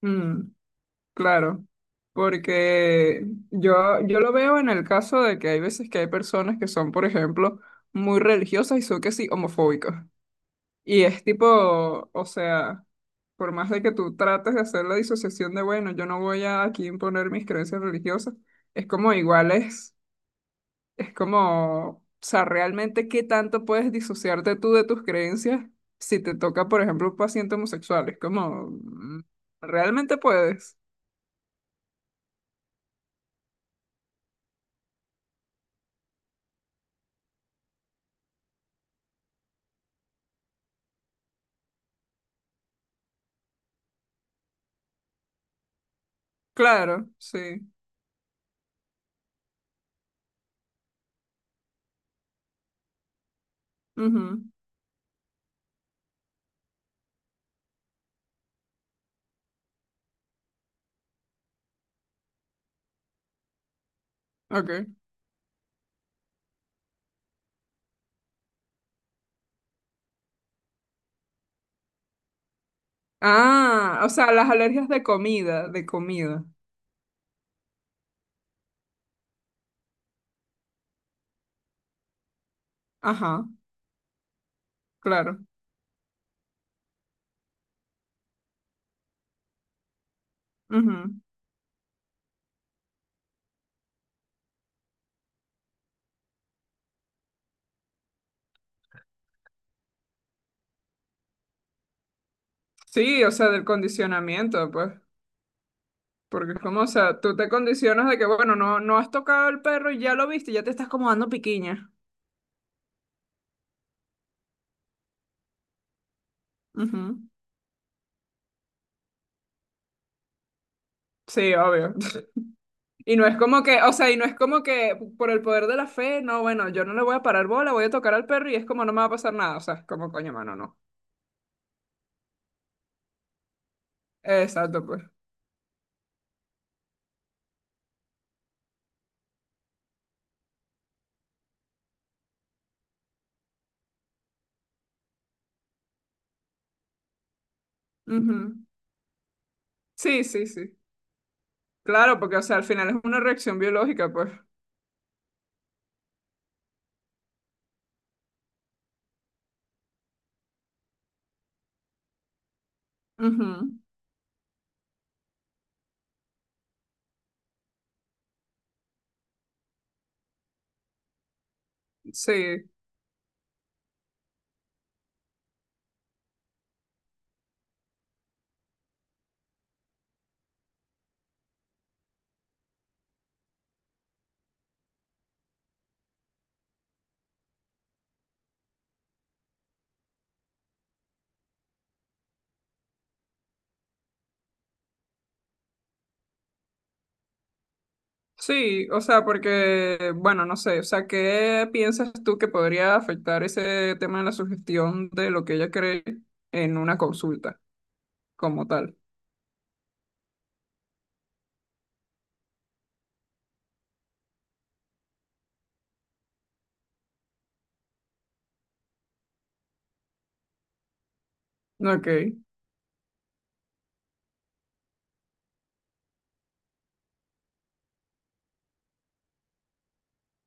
Mm, claro, porque yo lo veo en el caso de que hay veces que hay personas que son, por ejemplo, muy religiosas y son que sí homofóbicas. Y es tipo, o sea, por más de que tú trates de hacer la disociación de, bueno, yo no voy a aquí imponer mis creencias religiosas, es como es como, o sea, realmente qué tanto puedes disociarte tú de tus creencias si te toca, por ejemplo, un paciente homosexual. Es como, ¿realmente puedes? Claro, sí. Ujú. Ok. Ah, o sea, las alergias de comida, de comida. Ajá, claro. Ujú. Sí, o sea, del condicionamiento, pues. Porque es como, o sea, tú te condicionas de que, bueno, no, no has tocado el perro y ya lo viste, ya te estás como dando piquiña. Ujú. Sí, obvio. Y no es como que, o sea, y no es como que por el poder de la fe, no, bueno, yo no le voy a parar bola, voy a tocar al perro y es como no me va a pasar nada. O sea, es como, coño, mano, no. Exacto, pues. Ujú. Sí, sí, sí. Claro, porque, o sea, al final es una reacción biológica, pues. Ujú. Sí, sí, o sea, porque, bueno, no sé, o sea, ¿qué piensas tú que podría afectar ese tema de la sugestión de lo que ella cree en una consulta como tal? Ok,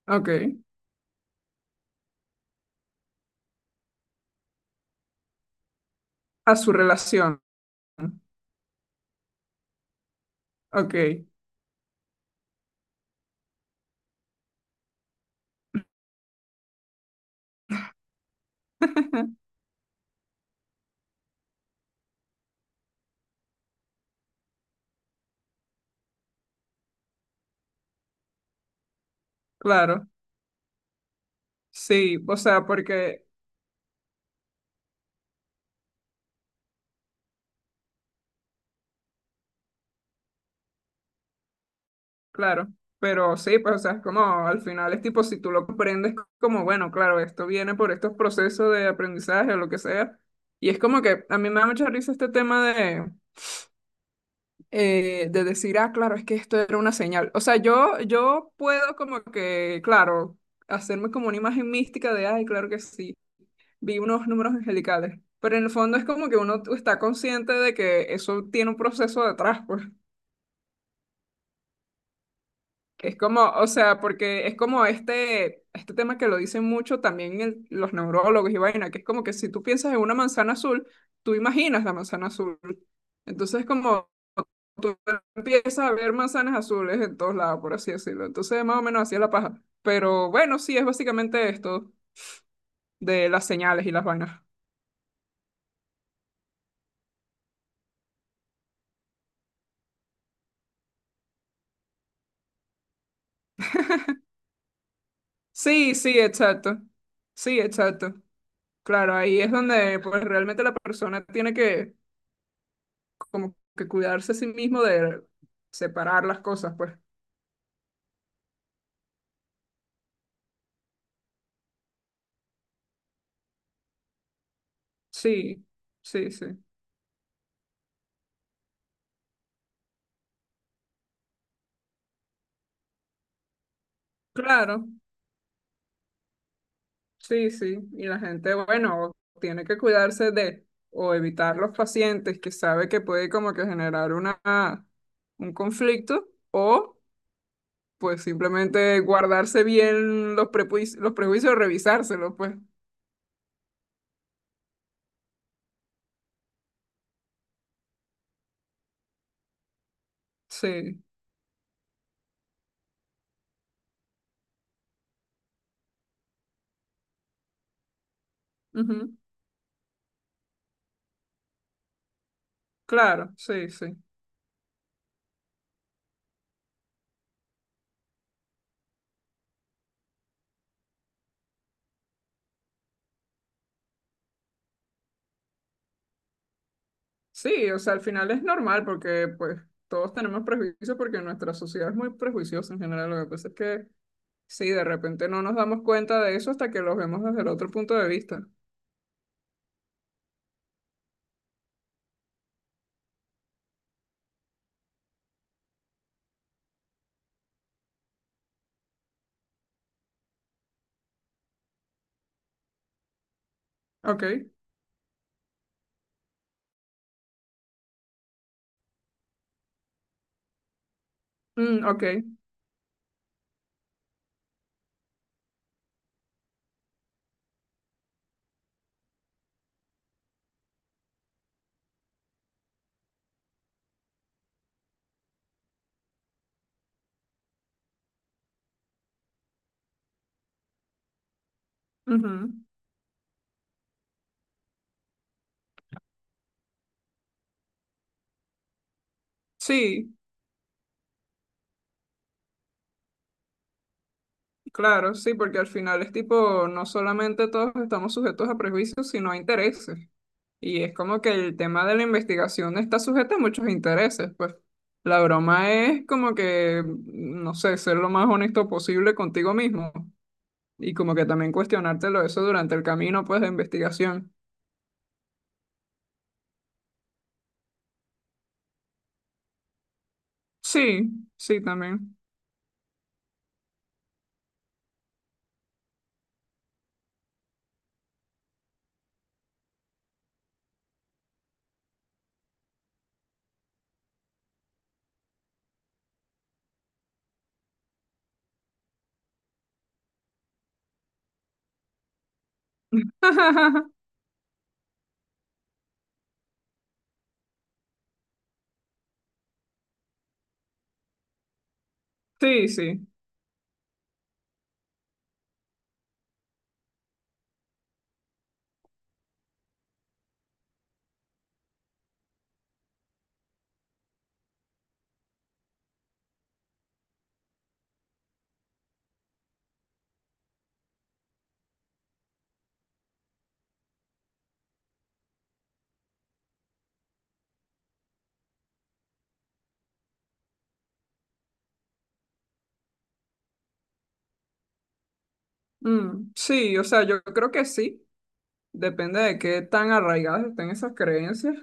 ok. A su relación. Ok, claro. Sí, o sea, porque claro, pero sí, pues, o sea, es como al final es tipo, si tú lo comprendes, como bueno, claro, esto viene por estos procesos de aprendizaje o lo que sea. Y es como que a mí me da mucha risa este tema de decir, ah, claro, es que esto era una señal. O sea, yo puedo como que, claro, hacerme como una imagen mística de, ay, claro que sí, vi unos números angelicales. Pero en el fondo es como que uno está consciente de que eso tiene un proceso detrás, pues. Es como, o sea, porque es como este tema que lo dicen mucho también los neurólogos y vaina, que es como que si tú piensas en una manzana azul, tú imaginas la manzana azul. Entonces, como tú empiezas a ver manzanas azules en todos lados, por así decirlo. Entonces, más o menos así es la paja. Pero bueno, sí, es básicamente esto de las señales y las vainas. Sí, sí, exacto. Sí, exacto. Claro, ahí es donde pues realmente la persona tiene que como que cuidarse a sí mismo de separar las cosas, pues. Sí, sí, sí. Claro, sí, sí. Y la gente, bueno, tiene que cuidarse de o evitar los pacientes que sabe que puede como que generar una, un conflicto o pues simplemente guardarse bien los prejuicios, revisárselos, pues. Sí. Ujú. Claro, sí, sí. Sí, o sea, al final es normal porque pues todos tenemos prejuicios porque nuestra sociedad es muy prejuiciosa en general. Lo que pasa es que sí, de repente no nos damos cuenta de eso hasta que lo vemos desde el otro punto de vista. Ok, mm, ok, ujú. Sí, claro, sí, porque al final es tipo, no solamente todos estamos sujetos a prejuicios, sino a intereses. Y es como que el tema de la investigación está sujeto a muchos intereses, pues. La broma es como que, no sé, ser lo más honesto posible contigo mismo. Y como que también cuestionártelo eso durante el camino, pues, de investigación. Sí, sí, también. Sí, sí. Mm, sí, o sea, yo creo que sí. Depende de qué tan arraigadas estén esas creencias.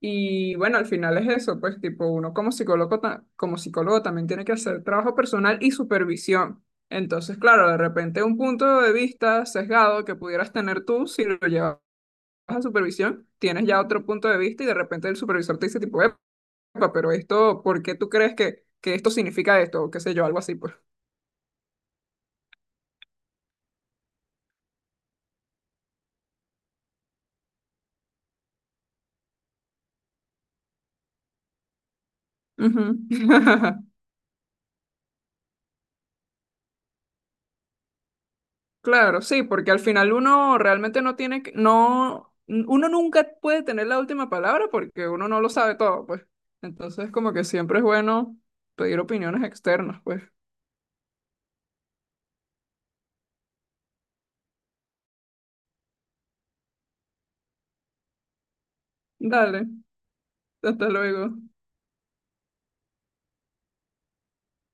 Y bueno, al final es eso, pues, tipo, uno como psicólogo, como psicólogo también tiene que hacer trabajo personal y supervisión. Entonces, claro, de repente un punto de vista sesgado que pudieras tener tú, si lo llevas a supervisión, tienes ya otro punto de vista y de repente el supervisor te dice, tipo, "Epa, pero esto, ¿por qué tú crees que esto significa esto? O qué sé yo, algo así, pues. Ujú. Claro, sí, porque al final uno realmente no tiene que, no, uno nunca puede tener la última palabra porque uno no lo sabe todo, pues. Entonces, como que siempre es bueno pedir opiniones externas, pues. Dale, hasta luego.